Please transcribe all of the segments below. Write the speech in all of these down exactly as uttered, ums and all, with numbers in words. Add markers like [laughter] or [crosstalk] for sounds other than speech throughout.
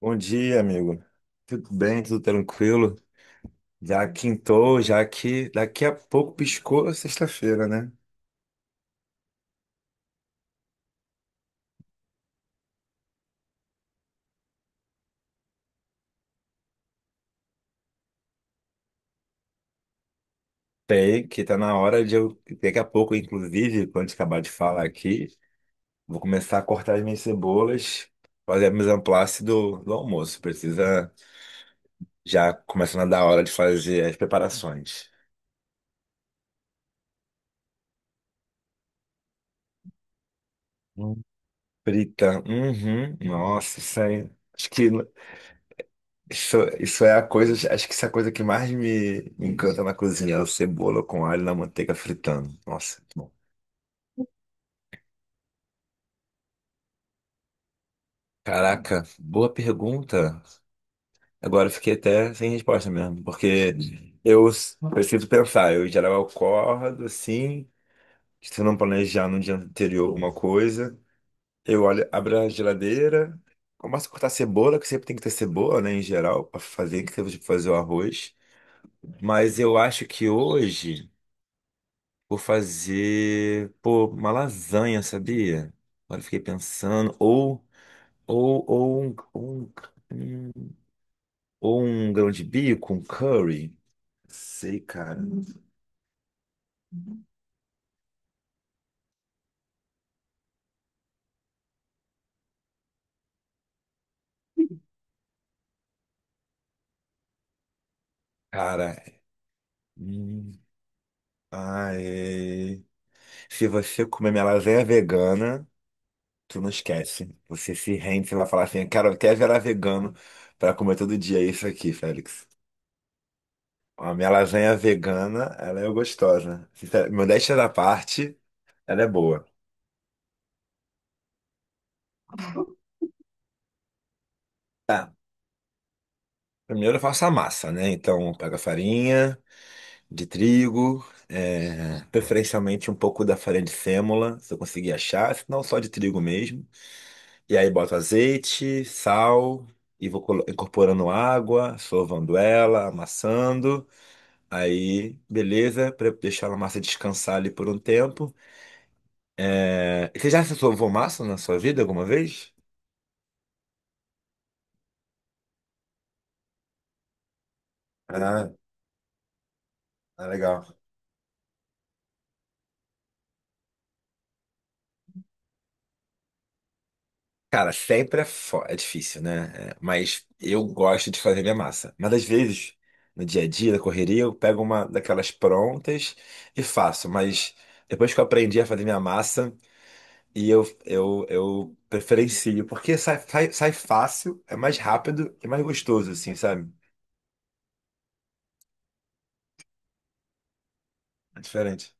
Bom dia, amigo. Tudo bem? Tudo tranquilo? Já quintou, já que daqui a pouco piscou a sexta-feira, né? Tem que tá na hora de eu. Daqui a pouco, inclusive, quando acabar de falar aqui, vou começar a cortar as minhas cebolas, fazer a mise en place do, do almoço. Precisa já começando a dar hora de fazer as preparações. Hum. Frita. Uhum. Nossa, isso aí. Acho que isso, isso é a coisa, acho que isso é a coisa que mais me me encanta na cozinha, é a cebola com alho na manteiga fritando. Nossa, que bom. Caraca, boa pergunta. Agora eu fiquei até sem resposta mesmo, porque eu s- preciso pensar. Eu, em geral, eu acordo assim, se eu não planejar no dia anterior alguma coisa, eu olho, abro a geladeira, começo a cortar cebola, que sempre tem que ter cebola, né, em geral, para fazer, que você fazer o arroz. Mas eu acho que hoje. Vou fazer, pô, uma lasanha, sabia? Agora eu fiquei pensando. Ou, ou, ou, um, um- hum, ou um grão de bico, um curry. Sei, cara. Cara, hum, ai, se você comer minha lasanha vegana, tu não esquece. Você se rende, você vai falar assim, cara, eu até virar vegano pra comer todo dia isso aqui, Félix. A minha lasanha vegana, ela é gostosa. Sincero- Modéstia da parte, ela é boa. Tá, primeiro eu faço a massa, né? Então, pega a farinha de trigo, é, preferencialmente um pouco da farinha de sêmola, se eu conseguir achar, se não só de trigo mesmo. E aí boto azeite, sal, e vou colo- incorporando água, sovando ela, amassando. Aí, beleza, para deixar a massa descansar ali por um tempo. É, você já sovou massa na sua vida alguma vez? Ah, ah, legal. Cara, sempre é, fo- é difícil, né? É, mas eu gosto de fazer minha massa. Mas às vezes, no dia a dia, na correria, eu pego uma daquelas prontas e faço. Mas depois que eu aprendi a fazer minha massa, e eu, eu, eu preferencio, porque sai, sai, sai fácil, é mais rápido e mais gostoso, assim, sabe? É diferente.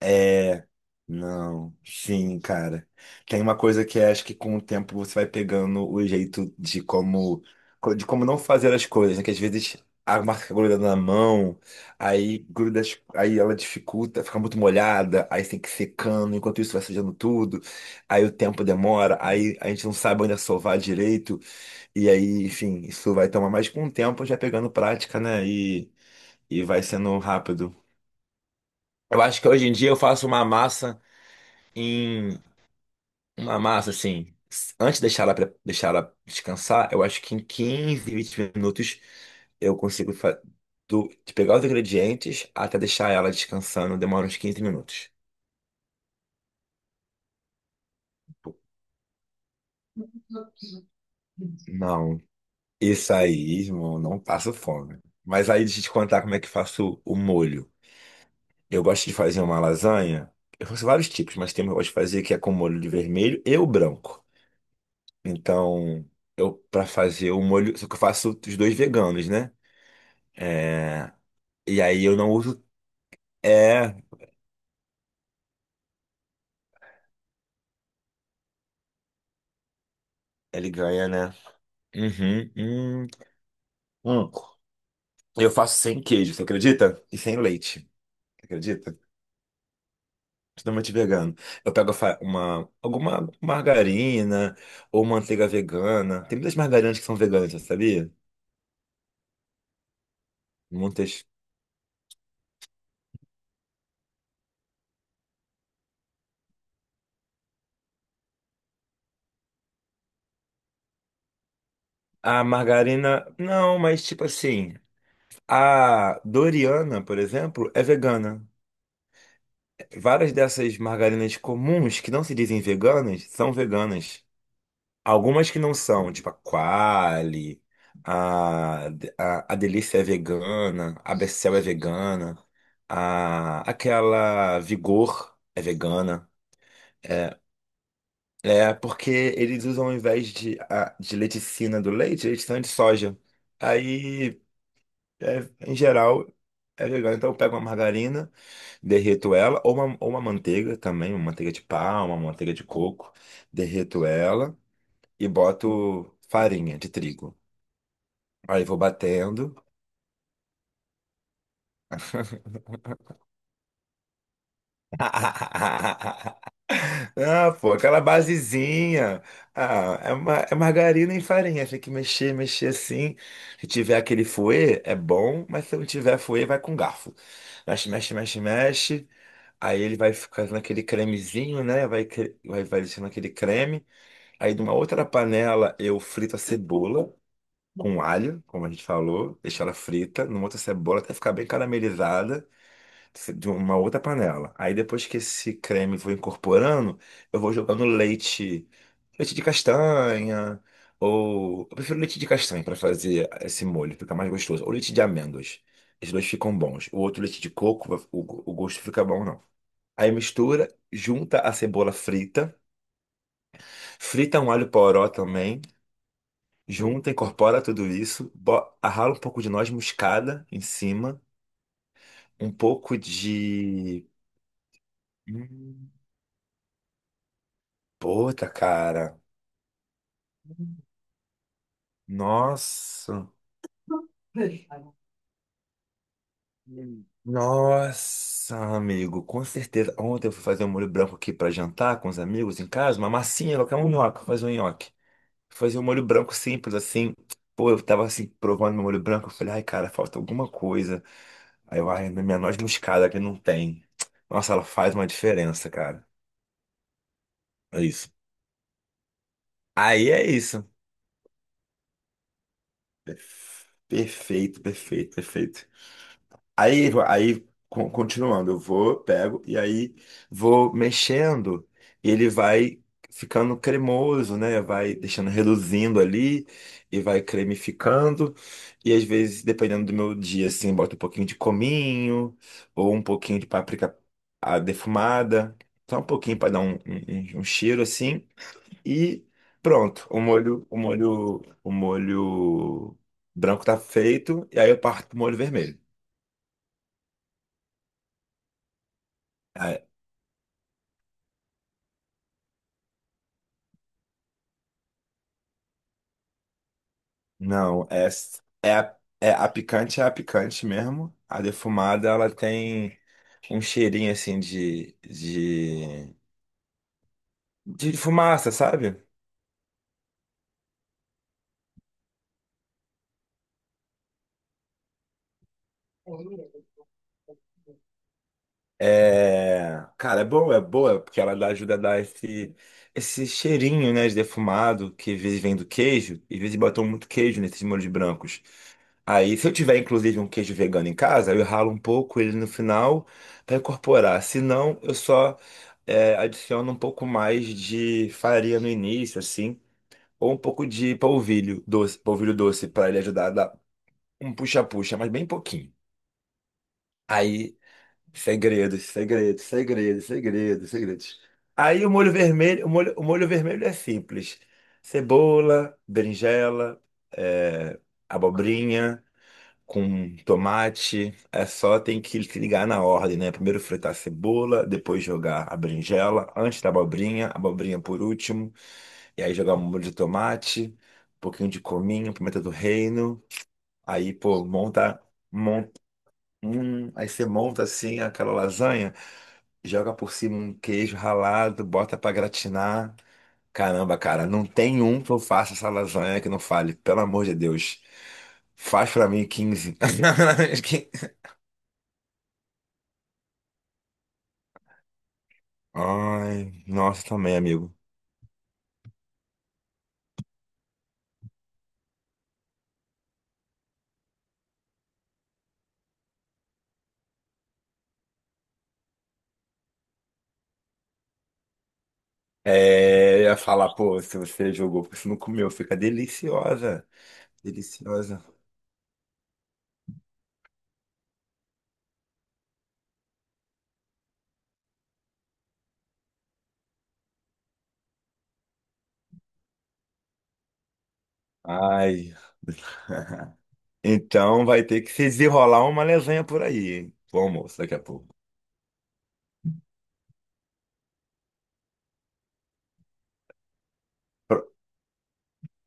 É, não, sim, cara. Tem uma coisa que é, acho que com o tempo você vai pegando o jeito de como de como não fazer as coisas, né? Que às vezes a marca gruda na mão, aí gruda, as- aí ela dificulta, fica muito molhada, aí tem que ir secando, enquanto isso vai sujando tudo, aí o tempo demora, aí a gente não sabe onde sovar direito, e aí, enfim, isso vai tomar mais com o tempo já pegando prática, né? E, e vai sendo rápido. Eu acho que hoje em dia eu faço uma massa em uma massa, assim, antes de deixar ela, pre- deixar ela descansar, eu acho que em quinze, vinte minutos eu consigo fa- do- de pegar os ingredientes até deixar ela descansando, demora uns quinze minutos. Não, isso aí, irmão, não passo fome. Mas aí deixa eu te contar como é que faço o molho. Eu gosto de fazer uma lasanha, eu faço vários tipos, mas tem uma que eu gosto de fazer que é com molho de vermelho e o branco. Então, eu para fazer o molho, só que eu faço os dois veganos, né? É, e aí eu não uso. É, ele ganha, né? Uhum, hum, hum. Eu faço sem queijo, você acredita? E sem leite, você acredita? Totalmente vegano. Eu pego fa- uma, alguma margarina ou manteiga vegana. Tem muitas margarinas que são veganas, você sabia? Muitas. A margarina, não, mas tipo assim, a Doriana, por exemplo, é vegana. Várias dessas margarinas comuns que não se dizem veganas são veganas. Algumas que não são, tipo a Qualy, a, a, a Delícia é vegana, a Becel é vegana, a, aquela Vigor é vegana. É, é porque eles usam ao invés de, a, de leticina do leite, leticina de soja. Aí, é, em geral, é vegano. Então eu pego uma margarina, derreto ela, ou uma, ou uma manteiga também, uma manteiga de palma, uma manteiga de coco, derreto ela e boto farinha de trigo. Aí vou batendo. [laughs] Ah, pô, aquela basezinha. Ah, é, ma é margarina e farinha. Tem que mexer, mexer assim. Se tiver aquele fouet, é bom, mas se não tiver fouet, vai com garfo. Mexe, mexe, mexe, mexe. Aí ele vai ficando aquele cremezinho, né? Vai, cre- vai, vai deixando aquele creme. Aí, numa outra panela, eu frito a cebola com alho, como a gente falou. Deixo ela frita. Numa outra cebola, até ficar bem caramelizada. De uma outra panela. Aí depois que esse creme for incorporando, eu vou jogando leite, leite de castanha, ou eu prefiro leite de castanha para fazer esse molho, fica mais gostoso, ou leite de amêndoas. Esses dois ficam bons. O outro leite de coco, o, o gosto fica bom não. Aí mistura, junta a cebola frita, frita um alho poró também, junta, incorpora tudo isso, bo- rala um pouco de noz moscada em cima, um pouco de hum, puta, cara. Nossa. Hum. Nossa, amigo, com certeza. Ontem eu fui fazer um molho branco aqui pra jantar com os amigos em casa, uma massinha, colocar um nhoque, fazer um nhoque. Fazer um molho branco simples assim. Pô, eu tava assim, provando meu molho branco. Eu falei, ai, cara, falta alguma coisa. Aí eu, ai, minha noz moscada que não tem. Nossa, ela faz uma diferença, cara. É isso. Aí é isso. Perfeito, perfeito, perfeito. Aí, aí con- continuando, eu vou, pego e aí vou mexendo, e ele vai ficando cremoso, né? Vai deixando reduzindo ali e vai cremificando. E às vezes, dependendo do meu dia, assim, boto um pouquinho de cominho ou um pouquinho de páprica ah, defumada, só um pouquinho para dar um, um, um um cheiro assim e pronto, o molho, o molho, o molho branco tá feito e aí eu parto pro molho vermelho. Não, é, é, a- é a picante é a picante mesmo. A defumada, ela tem um cheirinho assim de, de, de fumaça, sabe? É, cara, é boa, é boa, porque ela dá, ajuda a dar esse, esse cheirinho, né, de defumado, que às vezes vem do queijo, e às vezes botam muito queijo nesses molhos brancos. Aí, se eu tiver inclusive um queijo vegano em casa, eu ralo um pouco ele no final para incorporar. Se não, eu só é, adiciono um pouco mais de farinha no início, assim, ou um pouco de polvilho doce, polvilho doce para ele ajudar a dar um puxa-puxa, mas bem pouquinho. Aí, segredos, segredos, segredos, segredos, segredos. Aí o molho vermelho, o molho, o molho vermelho é simples: cebola, berinjela, é, abobrinha com tomate. É só tem que se ligar na ordem, né? Primeiro fritar a cebola, depois jogar a berinjela, antes da abobrinha, a abobrinha por último. E aí jogar um molho de tomate, um pouquinho de cominho, pimenta do reino. Aí, pô, monta, monta, hum, aí você monta assim aquela lasanha, joga por cima um queijo ralado, bota pra gratinar. Caramba, cara, não tem um que eu faça essa lasanha que não fale, pelo amor de Deus. Faz pra mim quinze. [laughs] Ai, nossa, também, amigo. É, eu ia falar, pô, se você jogou, porque você não comeu, fica deliciosa. Deliciosa. Ai. [laughs] Então vai ter que se desenrolar uma lasanha por aí, hein? Bom, almoço, daqui a pouco. Pro-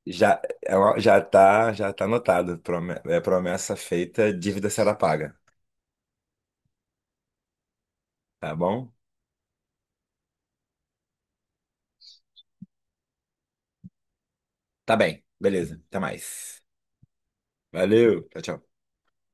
Já, é uma- já tá, já tá anotado. Prome- é promessa feita, dívida será paga. Tá bom? Tá bem, beleza. Até mais. Valeu, tchau, tchau.